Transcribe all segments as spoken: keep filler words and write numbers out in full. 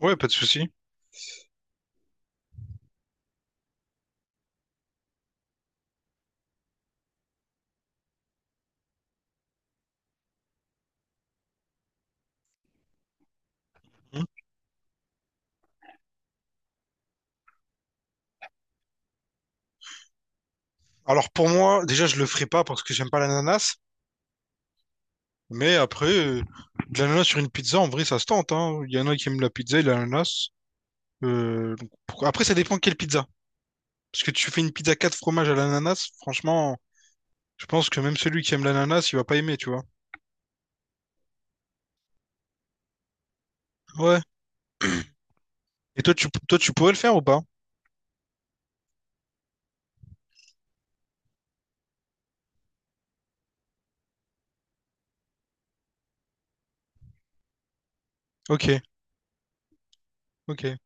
Ouais, pas de souci. Mhm. Alors pour moi, déjà, je le ferai pas parce que j'aime pas l'ananas. Mais après, euh, de l'ananas sur une pizza, en vrai, ça se tente, hein. Il y en a qui aiment la pizza et l'ananas. Euh, donc, pourquoi- après, ça dépend quelle pizza. Parce que tu fais une pizza quatre fromages à l'ananas, franchement, je pense que même celui qui aime l'ananas, il va pas aimer, tu vois. Ouais. Et toi, tu, toi, tu pourrais le faire ou pas? Ok, ok.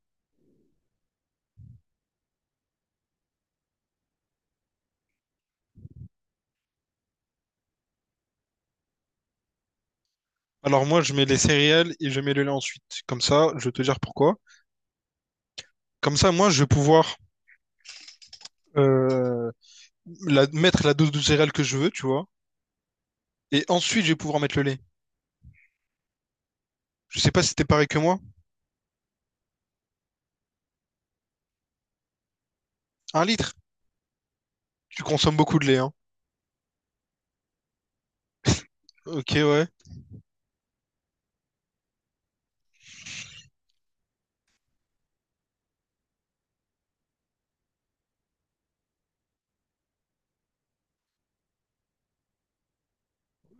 Alors moi, je mets les céréales et je mets le lait ensuite. Comme ça, je vais te dire pourquoi. Comme ça, moi, je vais pouvoir euh, la, mettre la dose de céréales que je veux, tu vois. Et ensuite, je vais pouvoir mettre le lait. Je sais pas si t'es pareil que moi. Un litre? Tu consommes beaucoup de lait, hein. Ok, ouais.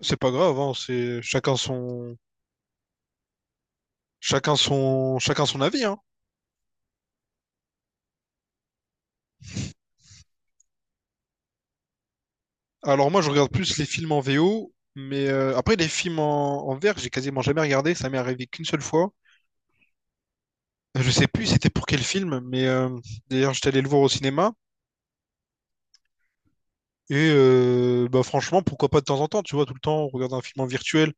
C'est pas grave, hein. C'est chacun son, chacun son, chacun son avis, hein. Alors moi, je regarde plus les films en V O, mais euh, après les films en, en V F, j'ai quasiment jamais regardé. Ça m'est arrivé qu'une seule fois. Euh, Je sais plus c'était pour quel film, mais euh, d'ailleurs, j'étais allé le voir au cinéma. Et euh, bah franchement, pourquoi pas de temps en temps, tu vois, tout le temps, regarder un film en virtuel,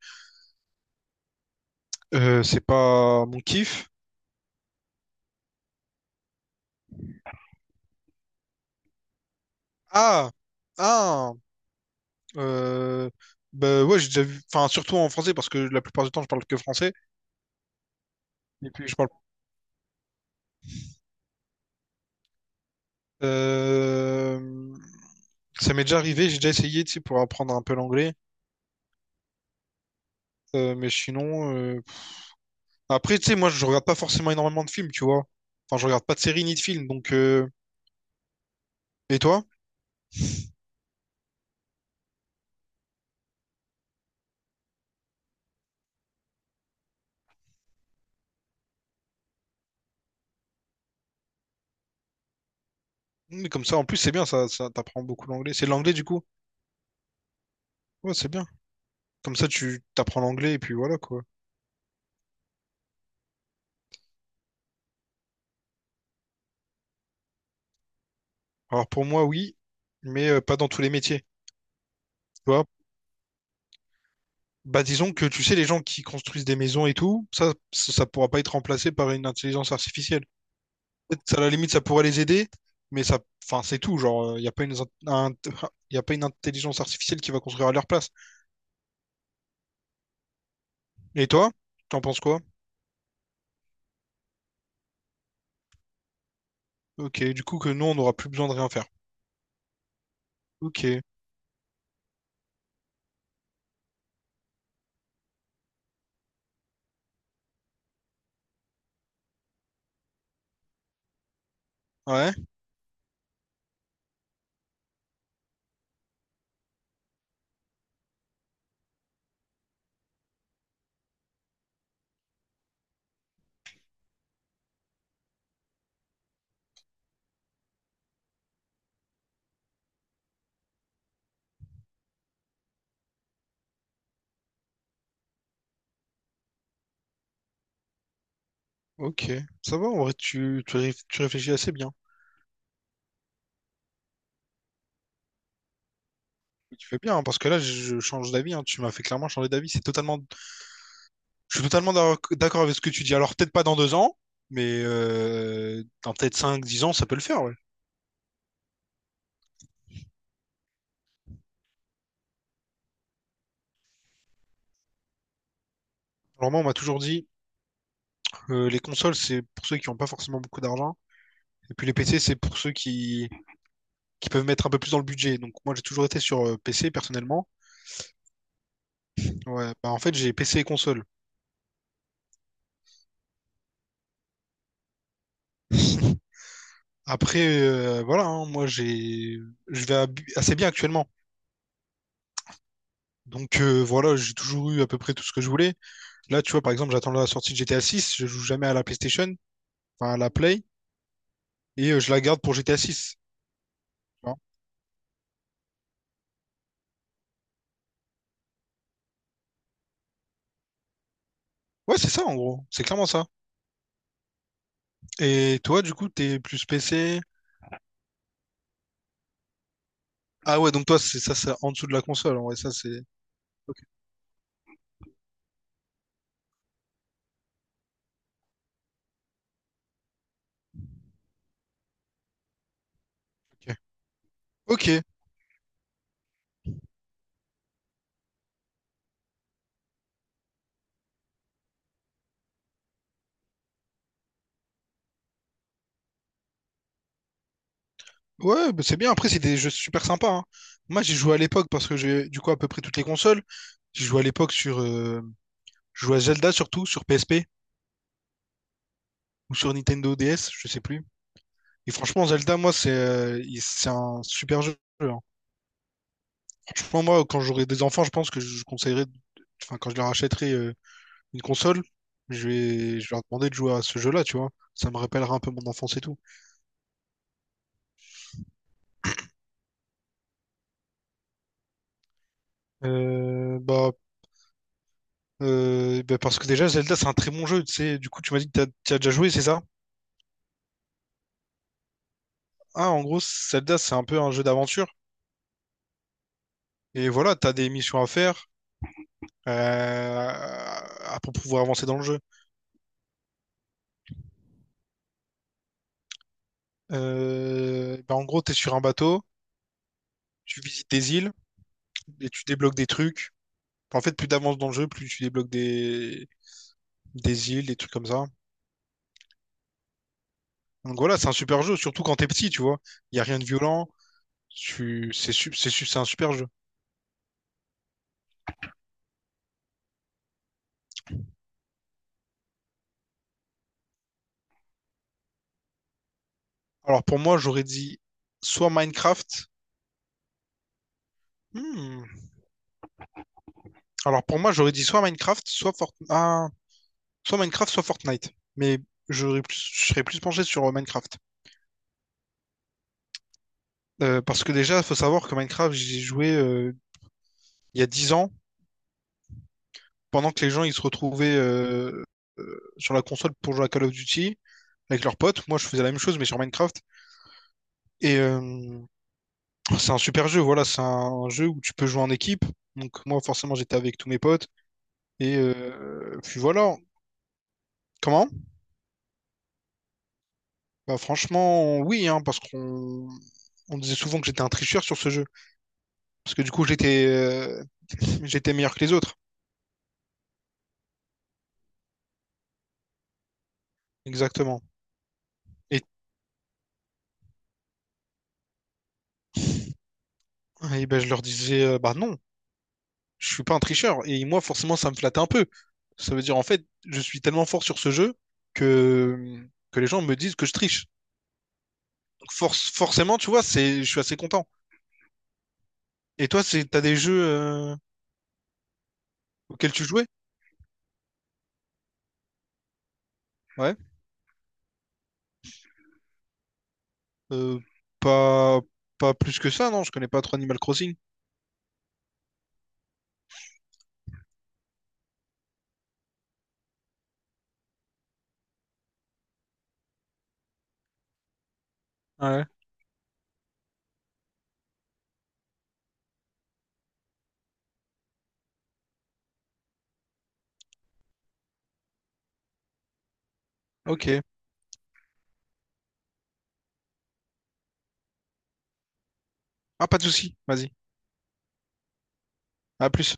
euh, c'est pas mon kiff. Ah! Ah! Euh, Bah ouais, j'ai déjà vu. Enfin, surtout en français, parce que la plupart du temps, je parle que français. Et puis, je parle. Euh, Ça m'est déjà arrivé, j'ai déjà essayé, tu sais, pour apprendre un peu l'anglais. Euh, mais sinon. euh, Après, tu sais, moi, je regarde pas forcément énormément de films, tu vois. Enfin, je regarde pas de séries ni de films. Donc. euh, Et toi? Mais comme ça, en plus, c'est bien, ça, ça t'apprend beaucoup l'anglais. C'est de l'anglais, du coup? Ouais, c'est bien. Comme ça, tu t'apprends l'anglais, et puis voilà, quoi. Alors, pour moi, oui, mais euh, pas dans tous les métiers. Tu vois. Bah disons que tu sais, les gens qui construisent des maisons et tout, ça, ça, ça pourra pas être remplacé par une intelligence artificielle. Peut-être, ça, à la limite, ça pourrait les aider, mais ça, enfin, c'est tout. Genre, il n'y a pas une, un- y a pas une intelligence artificielle qui va construire à leur place. Et toi, t'en penses quoi? Ok, du coup que nous, on n'aura plus besoin de rien faire. Ok, ouais, ok. Ça va, en vrai, tu, tu, ré- tu réfléchis assez bien. Tu fais bien, hein, parce que là, je, je change d'avis, hein. Tu m'as fait clairement changer d'avis. C'est totalement Je suis totalement d'ac- d'accord avec ce que tu dis. Alors, peut-être pas dans deux ans, mais euh, dans peut-être cinq, dix ans, ça peut le faire, ouais. Alors moi, on m'a toujours dit, euh, les consoles, c'est pour ceux qui n'ont pas forcément beaucoup d'argent. Et puis les P C, c'est pour ceux qui, qui peuvent mettre un peu plus dans le budget. Donc moi, j'ai toujours été sur euh, P C, personnellement. Ouais, bah, en fait, j'ai P C et console. Après, euh, voilà, hein, moi, j'ai, je vais ab- assez bien actuellement. Donc euh, voilà, j'ai toujours eu à peu près tout ce que je voulais. Là, tu vois, par exemple, j'attends la sortie de G T A six, je joue jamais à la PlayStation, enfin à la Play. Et euh, je la garde pour G T A six. Ouais, c'est ça en gros, c'est clairement ça. Et toi, du coup, t'es plus P C. Ah ouais, donc toi, c'est ça, c'est en dessous de la console. Ouais, ça, c'est. Ok. Ok. Ok. Ouais, bah, c'est bien. Après, c'est des jeux super sympas, hein. Moi, j'ai joué à l'époque parce que j'ai, du coup, à peu près toutes les consoles. J'ai joué à l'époque sur. Euh, Je jouais à Zelda surtout, sur P S P ou sur Nintendo D S, je sais plus. Et franchement, Zelda, moi, c'est euh, il- c'est un super jeu, hein. Franchement, moi, quand j'aurai des enfants, je pense que je conseillerais. de- Enfin, quand je leur achèterai une console, je vais, je vais leur demander de jouer à ce jeu-là, tu vois. Ça me rappellera un peu mon enfance et tout. Euh, bah, euh, Bah parce que déjà, Zelda, c'est un très bon jeu, tu sais. Du coup, tu m'as dit que t'as, t'y as déjà joué, c'est ça? Ah, en gros, Zelda, c'est un peu un jeu d'aventure. Et voilà, t'as des missions à faire euh, à- pour pouvoir avancer dans le jeu. Euh, bah, en gros, t'es sur un bateau, tu visites des îles et tu débloques des trucs. En fait, plus t'avances dans le jeu, plus tu débloques des, des îles, des trucs comme ça. Donc voilà, c'est un super jeu, surtout quand t'es petit, tu vois. Il n'y a rien de violent. Tu... C'est su- c'est su- C'est un super jeu. Alors pour moi, j'aurais dit soit Minecraft. Hmm. Alors pour moi, j'aurais dit soit Minecraft, soit Fortnite. soit Minecraft, soit Fortnite. Mais j'aurais plus- je serais plus penché sur euh, Minecraft. Euh, parce que déjà, il faut savoir que Minecraft, j'y ai joué euh, il y a dix ans, pendant que les gens ils se retrouvaient euh, euh, sur la console pour jouer à Call of Duty avec leurs potes. Moi, je faisais la même chose, mais sur Minecraft. Et euh, c'est un super jeu, voilà, c'est un jeu où tu peux jouer en équipe. Donc moi forcément j'étais avec tous mes potes. Et euh, puis voilà. Comment? Bah franchement, oui, hein, parce qu'on on disait souvent que j'étais un tricheur sur ce jeu. Parce que du coup j'étais euh, j'étais meilleur que les autres. Exactement. Et, et ben, je leur disais, euh, bah non, je suis pas un tricheur. Et moi forcément ça me flattait un peu. Ça veut dire en fait, je suis tellement fort sur ce jeu que, que les gens me disent que je triche. Donc force- forcément, tu vois, c'est, je suis assez content. Et toi, c'est t'as des jeux euh, auxquels tu jouais? Ouais, Euh, pas pas plus que ça, non? Je connais pas trop Animal Crossing. Ouais. Ok. Ah, pas de souci. Vas-y. À plus.